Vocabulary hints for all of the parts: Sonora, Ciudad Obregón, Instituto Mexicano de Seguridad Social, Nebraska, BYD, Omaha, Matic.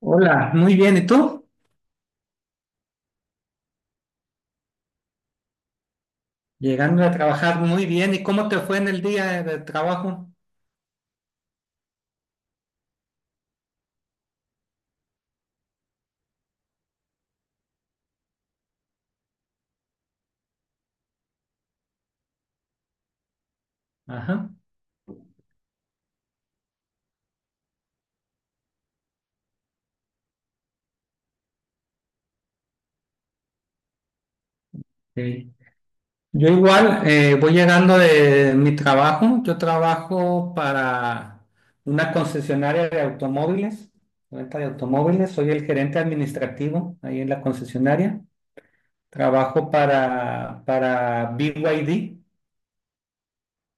Hola, muy bien. ¿Y tú? Llegando a trabajar muy bien. ¿Y cómo te fue en el día de trabajo? Ajá. Sí. Yo igual voy llegando de mi trabajo. Yo trabajo para una concesionaria de automóviles, venta de automóviles. Soy el gerente administrativo ahí en la concesionaria. Trabajo para BYD,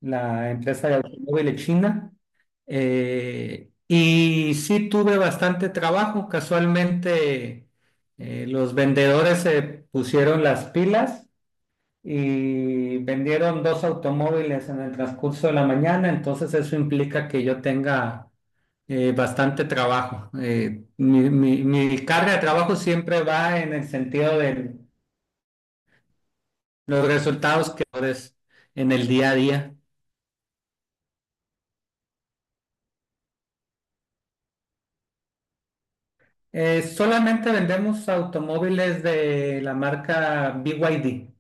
la empresa de automóviles china. Y sí tuve bastante trabajo. Casualmente los vendedores se pusieron las pilas y vendieron dos automóviles en el transcurso de la mañana. Entonces eso implica que yo tenga bastante trabajo. Mi carga de trabajo siempre va en el sentido de los resultados que logres en el día a día. Solamente vendemos automóviles de la marca BYD.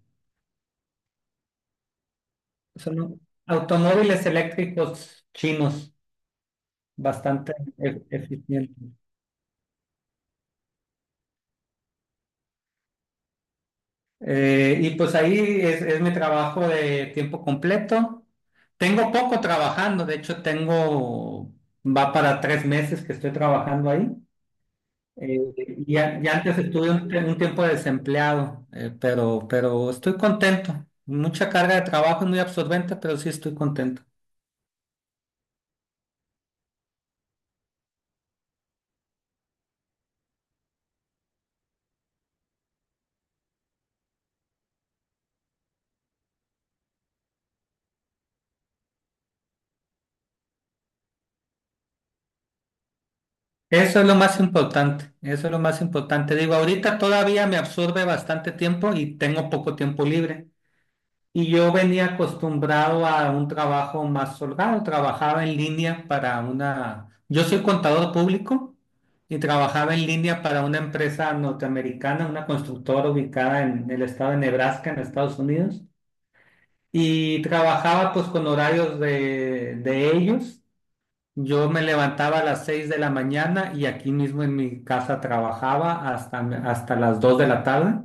Son au- Automóviles eléctricos chinos, bastante eficientes. Y pues ahí es mi trabajo de tiempo completo. Tengo poco trabajando, de hecho va para 3 meses que estoy trabajando ahí. Eh, y antes estuve un tiempo desempleado, pero estoy contento. Mucha carga de trabajo, es muy absorbente, pero sí estoy contento. Eso es lo más importante, eso es lo más importante. Digo, ahorita todavía me absorbe bastante tiempo y tengo poco tiempo libre. Y yo venía acostumbrado a un trabajo más holgado, trabajaba en línea para una... Yo soy contador público y trabajaba en línea para una empresa norteamericana, una constructora ubicada en el estado de Nebraska, en Estados Unidos. Y trabajaba pues con horarios de ellos. Yo me levantaba a las 6 de la mañana y aquí mismo en mi casa trabajaba hasta las 2 de la tarde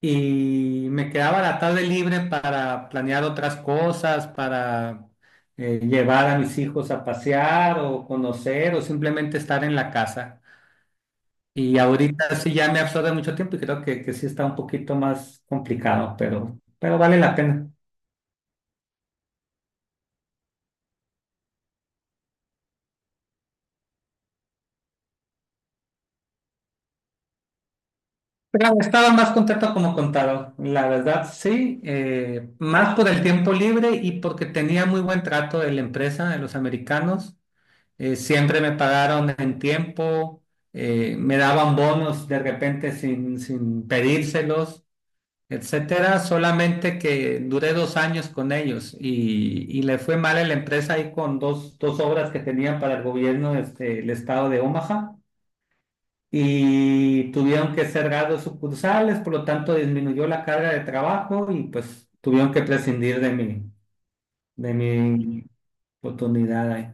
y me quedaba la tarde libre para planear otras cosas, para llevar a mis hijos a pasear o conocer o simplemente estar en la casa. Y ahorita sí ya me absorbe mucho tiempo y creo que sí está un poquito más complicado, pero vale la pena. Claro, estaba más contento como contador, la verdad, sí, más por el tiempo libre y porque tenía muy buen trato de la empresa, de los americanos, siempre me pagaron en tiempo, me daban bonos de repente sin pedírselos, etcétera, solamente que duré 2 años con ellos y le fue mal a la empresa ahí con dos obras que tenían para el gobierno, este, el estado de Omaha y tuvieron que cerrar dos sucursales, por lo tanto disminuyó la carga de trabajo y pues tuvieron que prescindir de mi oportunidad ahí.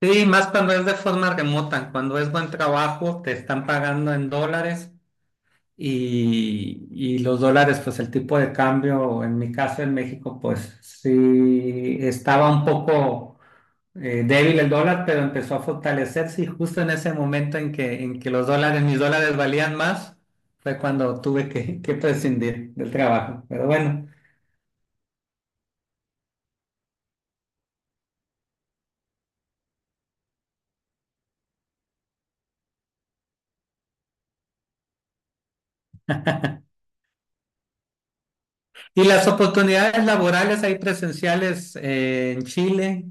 Sí, más cuando es de forma remota, cuando es buen trabajo, te están pagando en dólares y los dólares, pues el tipo de cambio, en mi caso en México, pues sí estaba un poco débil el dólar, pero empezó a fortalecerse y justo en ese momento en que los dólares, mis dólares valían más, fue cuando tuve que, que prescindir del trabajo. Pero bueno, y las oportunidades laborales ahí presenciales en Chile,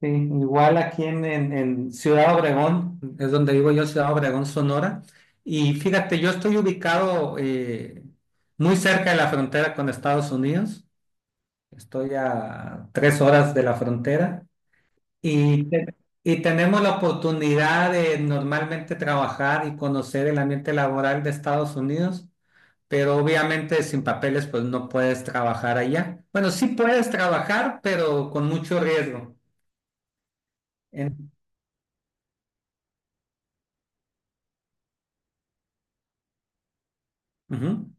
sí, igual aquí en Ciudad Obregón, es donde vivo yo, Ciudad Obregón, Sonora. Y fíjate, yo estoy ubicado muy cerca de la frontera con Estados Unidos, estoy a 3 horas de la frontera. Y, te- y tenemos la oportunidad de normalmente trabajar y conocer el ambiente laboral de Estados Unidos, pero obviamente sin papeles pues no puedes trabajar allá. Bueno, sí puedes trabajar, pero con mucho riesgo. En- Ujú.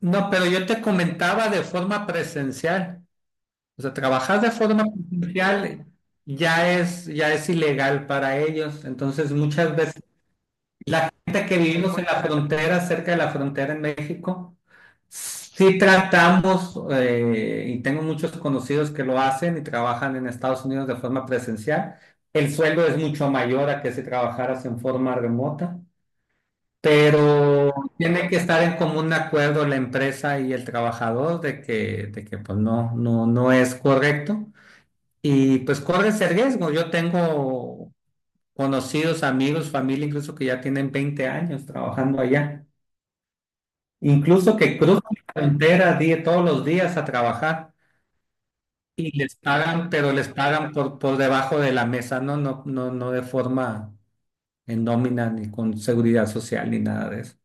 No, pero yo te comentaba de forma presencial. O sea, trabajar de forma presencial ya es ilegal para ellos. Entonces, muchas veces la gente que vivimos en la frontera, cerca de la frontera en México, sí tratamos, y tengo muchos conocidos que lo hacen y trabajan en Estados Unidos de forma presencial. El sueldo es mucho mayor a que si trabajaras en forma remota, pero tiene que estar en común acuerdo la empresa y el trabajador de que pues no es correcto. Y pues corres el riesgo. Yo tengo conocidos, amigos, familia, incluso que ya tienen 20 años trabajando allá, incluso que cruzan la frontera todos los días a trabajar y les pagan, pero les pagan por debajo de la mesa, no de forma en nómina ni con seguridad social ni nada de eso.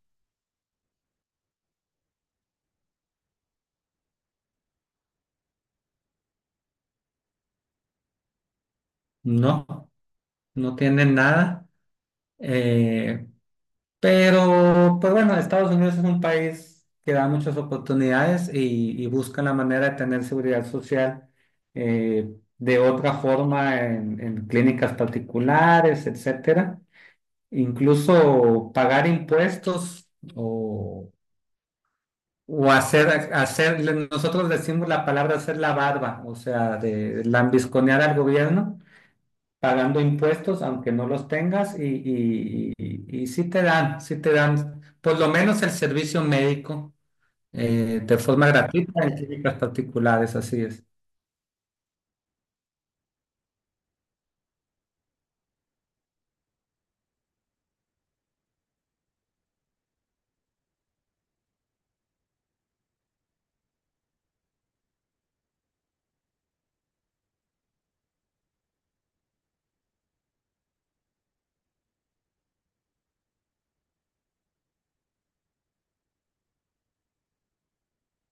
No, no tienen nada. Eh, Pero, pues bueno, Estados Unidos es un país que da muchas oportunidades y busca la manera de tener seguridad social eh, de otra forma en clínicas particulares, etcétera. Incluso pagar impuestos o, o hacer, nosotros decimos la palabra hacer la barba, o sea, de lambisconear al gobierno pagando impuestos aunque no los tengas y sí te dan por lo menos el servicio médico de forma gratuita en clínicas particulares, así es.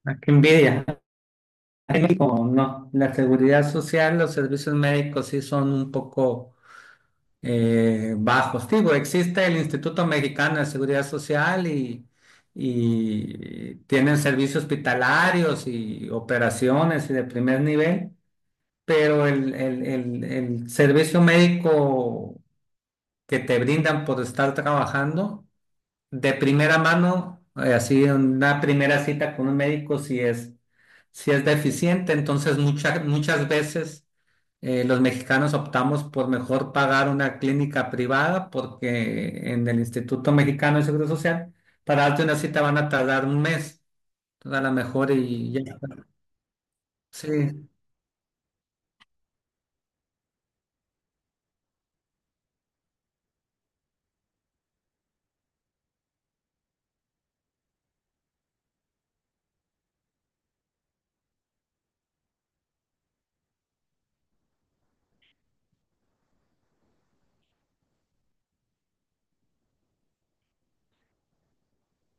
Ah, qué envidia. En México, no, la seguridad social, los servicios médicos sí son un poco bajos. Digo, existe el Instituto Mexicano de Seguridad Social y tienen servicios hospitalarios y operaciones y de primer nivel. Pero el servicio médico que te brindan por estar trabajando de primera mano, así en una primera cita con un médico, si es deficiente, entonces muchas veces los mexicanos optamos por mejor pagar una clínica privada porque en el Instituto Mexicano de Seguro Social, para darte una cita van a tardar un mes, entonces a lo mejor y ya. Sí,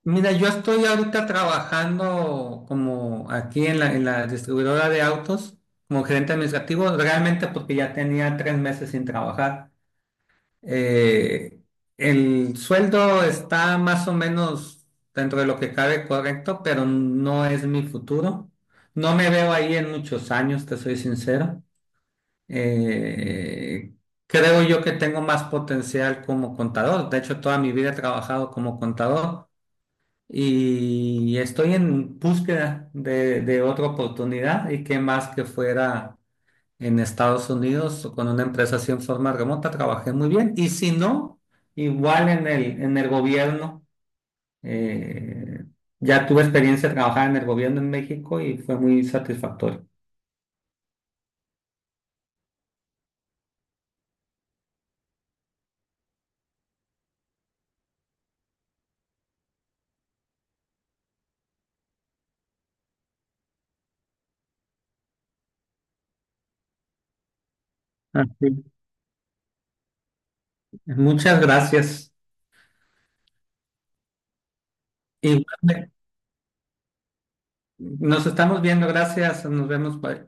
mira, yo estoy ahorita trabajando como aquí en la distribuidora de autos, como gerente administrativo, realmente porque ya tenía 3 meses sin trabajar. Eh, el sueldo está más o menos dentro de lo que cabe correcto, pero no es mi futuro. No me veo ahí en muchos años, te soy sincero. Eh, Creo yo que tengo más potencial como contador. De hecho, toda mi vida he trabajado como contador y estoy en búsqueda de otra oportunidad y qué más que fuera en Estados Unidos o con una empresa así en forma remota, trabajé muy bien y si no, igual en el gobierno, eh, ya tuve experiencia de trabajar en el gobierno en México y fue muy satisfactorio. Ah, sí. Muchas gracias. Igual, nos estamos viendo, gracias, nos vemos. Bye.